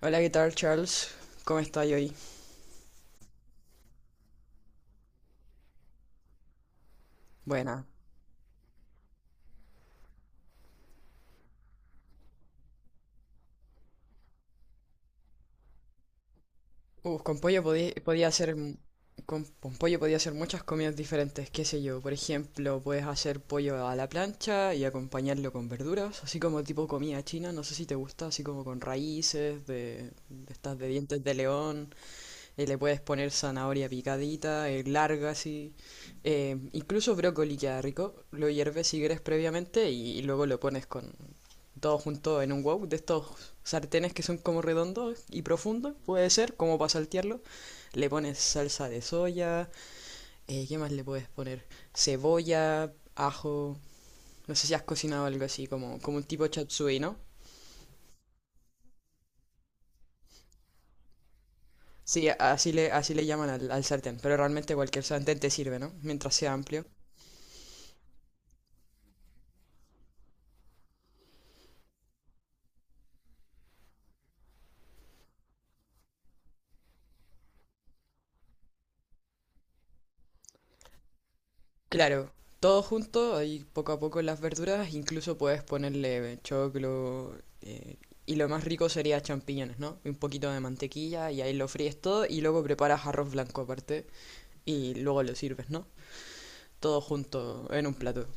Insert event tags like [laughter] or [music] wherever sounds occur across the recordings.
Hola, ¿qué tal, Charles? ¿Cómo estás hoy? Buena. Con pollo podía hacer... Con pollo podía hacer muchas comidas diferentes, qué sé yo. Por ejemplo, puedes hacer pollo a la plancha y acompañarlo con verduras, así como tipo comida china, no sé si te gusta, así como con raíces de estas de dientes de león. Le puedes poner zanahoria picadita, larga así, incluso brócoli queda rico. Lo hierves si quieres previamente y luego lo pones con todo junto en un wok de estos sartenes que son como redondos y profundos, puede ser, como para saltearlo. Le pones salsa de soya, ¿qué más le puedes poner? Cebolla, ajo, no sé si has cocinado algo así, como, como un tipo chatsui, ¿no? Sí, así le llaman al sartén, pero realmente cualquier sartén te sirve, ¿no? Mientras sea amplio. Claro, todo junto, ahí poco a poco las verduras, incluso puedes ponerle choclo, eh, y lo más rico sería champiñones, ¿no? Un poquito de mantequilla y ahí lo fríes todo y luego preparas arroz blanco aparte y luego lo sirves, ¿no? Todo junto en un plato.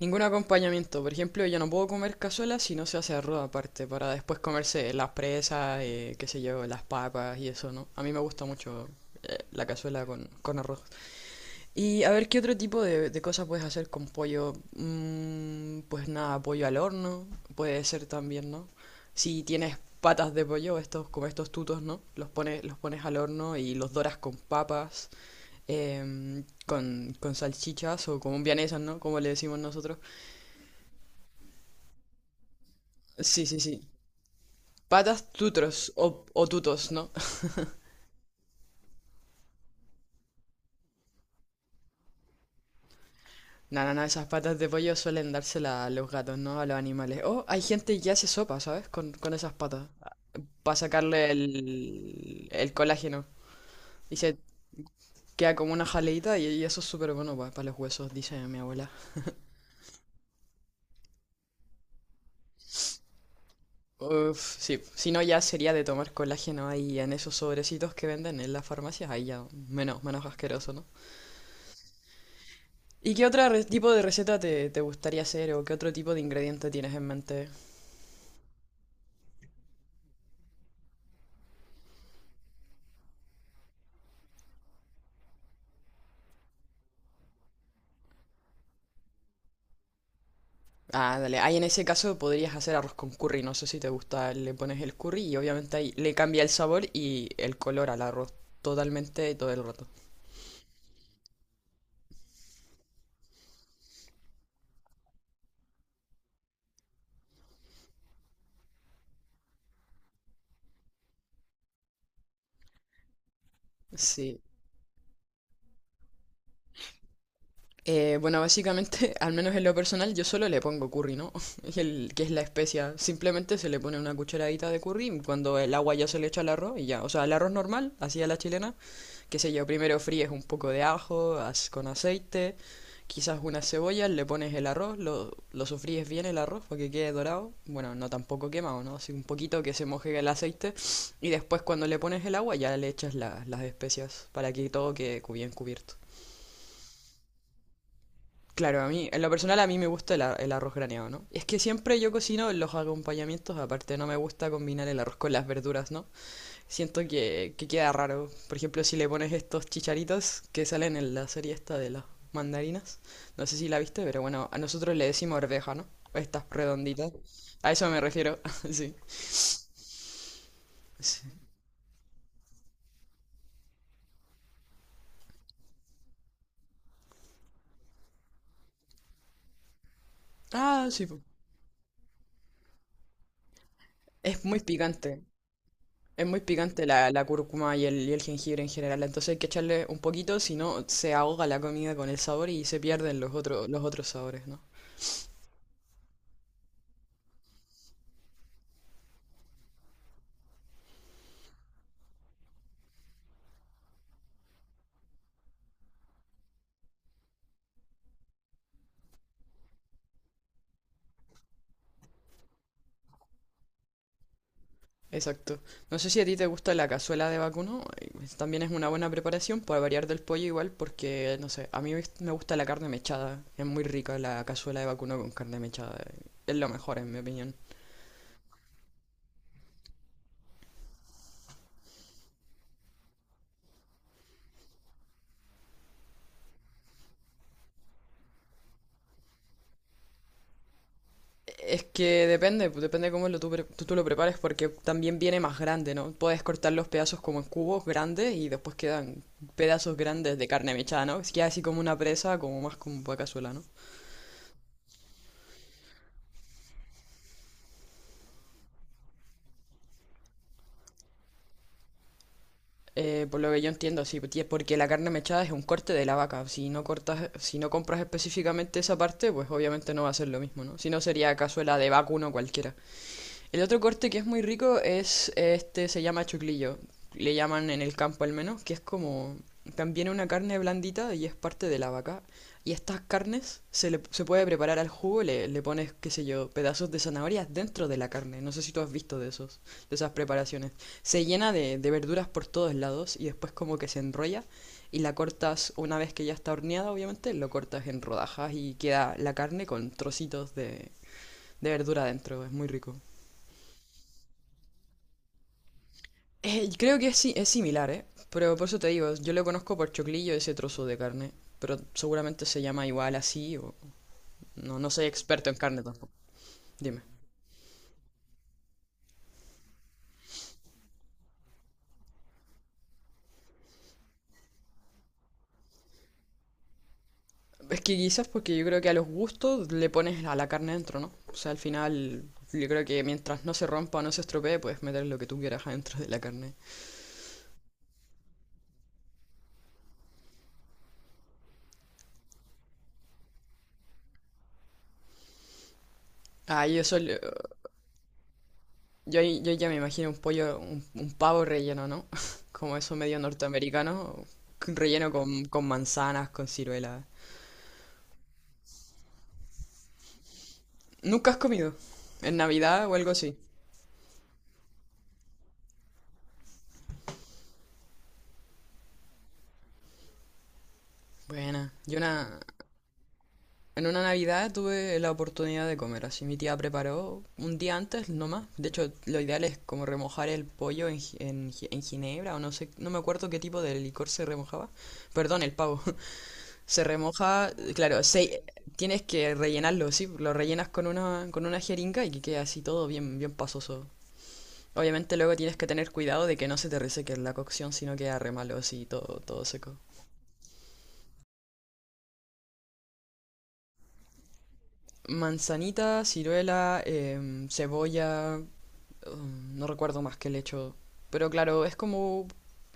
Ningún acompañamiento, por ejemplo, yo no puedo comer cazuela si no se hace arroz aparte, para después comerse las presas, qué sé yo, las papas y eso, ¿no? A mí me gusta mucho la cazuela con arroz. Y a ver, ¿qué otro tipo de cosas puedes hacer con pollo? Mm, pues nada, pollo al horno, puede ser también, ¿no? Si tienes patas de pollo, estos, como estos tutos, ¿no? Los pones al horno y los doras con papas, con salchichas o con vienesas, ¿no? Como le decimos nosotros. Sí, sí, sí. Patas tutros o tutos, ¿no? [laughs] Nada, nada, esas patas de pollo suelen dárselas a los gatos, ¿no? A los animales. O hay gente que hace sopa, ¿sabes? Con esas patas, para sacarle el colágeno. Y se queda como una jaleita y eso es súper bueno para los huesos, dice mi abuela. Uf, sí, si no ya sería de tomar colágeno ahí en esos sobrecitos que venden en las farmacias, ahí ya menos, menos asqueroso, ¿no? ¿Y qué otro tipo de receta te, te gustaría hacer o qué otro tipo de ingrediente tienes en mente? Ah, dale, ahí en ese caso podrías hacer arroz con curry, no sé si te gusta, le pones el curry y obviamente ahí le cambia el sabor y el color al arroz totalmente todo el rato. Sí. Bueno, básicamente, [laughs] al menos en lo personal, yo solo le pongo curry, ¿no? [laughs] Y el, que es la especia. Simplemente se le pone una cucharadita de curry y cuando el agua ya se le echa al arroz y ya. O sea, el arroz normal, así a la chilena, qué sé yo, primero fríes un poco de ajo con aceite, quizás unas cebollas, le pones el arroz, lo sofríes bien el arroz para que quede dorado. Bueno, no tampoco quemado, ¿no? Así un poquito que se moje el aceite y después cuando le pones el agua ya le echas las especias para que todo quede bien cubierto. Claro, a mí, en lo personal a mí me gusta el, el arroz graneado, ¿no? Es que siempre yo cocino los acompañamientos, aparte no me gusta combinar el arroz con las verduras, ¿no? Siento que queda raro. Por ejemplo, si le pones estos chicharitos que salen en la serie esta de las mandarinas, no sé si la viste, pero bueno, a nosotros le decimos arveja, ¿no? Estas redonditas. A eso me refiero, [laughs] sí. Sí. Ah, sí po. Es muy picante. Es muy picante la, la cúrcuma y el jengibre en general, entonces hay que echarle un poquito, si no se ahoga la comida con el sabor y se pierden los otros sabores, ¿no? Exacto. No sé si a ti te gusta la cazuela de vacuno, también es una buena preparación para variar del pollo igual, porque no sé, a mí me gusta la carne mechada, es muy rica la cazuela de vacuno con carne mechada, es lo mejor en mi opinión. Es que depende, pues, depende cómo lo tú, tú, tú lo prepares, porque también viene más grande, ¿no? Puedes cortar los pedazos como en cubos grandes y después quedan pedazos grandes de carne mechada, ¿no? Es que así como una presa, como más como vaca cazuela, ¿no? Por lo que yo entiendo, sí, porque la carne mechada es un corte de la vaca. Si no cortas, si no compras específicamente esa parte, pues obviamente no va a ser lo mismo, ¿no? Si no sería cazuela de vacuno cualquiera. El otro corte que es muy rico es este, se llama choclillo. Le llaman en el campo al menos, que es como también una carne blandita y es parte de la vaca. Y estas carnes se puede preparar al jugo, le pones, qué sé yo, pedazos de zanahorias dentro de la carne. No sé si tú has visto de, esos, de esas preparaciones. Se llena de verduras por todos lados y después como que se enrolla y la cortas una vez que ya está horneada, obviamente, lo cortas en rodajas y queda la carne con trocitos de verdura dentro. Es muy rico. Creo que es, es similar, ¿eh? Pero por eso te digo, yo lo conozco por choclillo ese trozo de carne. Pero seguramente se llama igual así o... No, no soy experto en carne tampoco. Dime. Es que quizás porque yo creo que a los gustos le pones a la carne dentro, ¿no? O sea, al final yo creo que mientras no se rompa o no se estropee, puedes meter lo que tú quieras adentro de la carne. Ah, yo solo... Yo ya me imagino un pollo, un pavo relleno, ¿no? [laughs] Como eso medio norteamericano, relleno con manzanas, con ciruela. ¿Nunca has comido? ¿En Navidad o algo así? Buena. Yo una... en una Navidad tuve la oportunidad de comer, así mi tía preparó un día antes nomás. De hecho, lo ideal es como remojar el pollo en, en en ginebra o no sé, no me acuerdo qué tipo de licor se remojaba. Perdón, el pavo. [laughs] Se remoja, claro, se... tienes que rellenarlo, sí, lo rellenas con una jeringa y que quede así todo bien, bien pasoso. Obviamente luego tienes que tener cuidado de que no se te reseque la cocción, sino queda re malo así, todo, todo seco. Manzanita, ciruela, cebolla, no recuerdo más que le echo. Pero claro, es como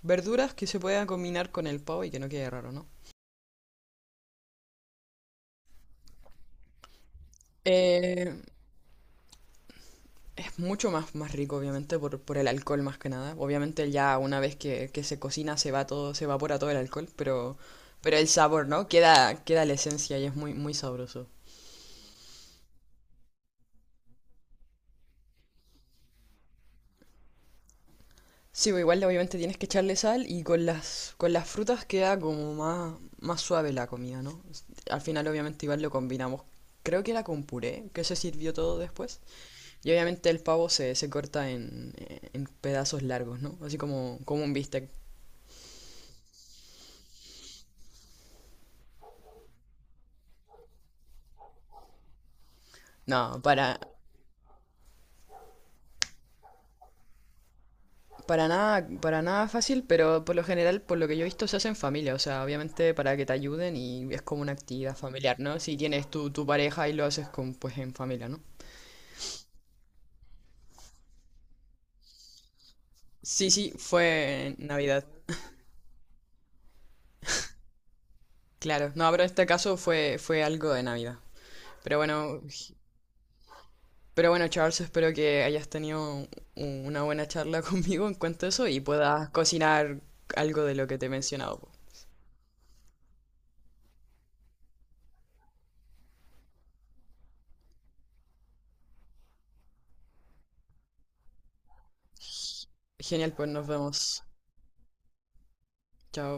verduras que se puedan combinar con el pavo y que no quede raro, ¿no? Eh, es mucho más, más rico, obviamente, por el alcohol más que nada. Obviamente ya una vez que se cocina se va todo, se evapora todo el alcohol, pero el sabor, ¿no? Queda, queda la esencia y es muy, muy sabroso. Sí, pues igual obviamente tienes que echarle sal y con las frutas queda como más, más suave la comida, ¿no? S- Al final obviamente igual lo combinamos, creo que era con puré, que se sirvió todo después. Y obviamente el pavo se corta en pedazos largos, ¿no? Así como, como un bistec. No, para nada fácil, pero por lo general, por lo que yo he visto, se hace en familia, o sea, obviamente para que te ayuden y es como una actividad familiar, ¿no? Si tienes tu, tu pareja y lo haces con, pues en familia, ¿no? Sí, sí, fue en Navidad. Claro, no, pero este caso fue, fue algo de Navidad. Pero bueno, pero bueno, Charles, espero que hayas tenido una buena charla [laughs] conmigo en cuanto a eso y puedas cocinar algo de lo que te he mencionado. Genial, pues nos vemos. Chao.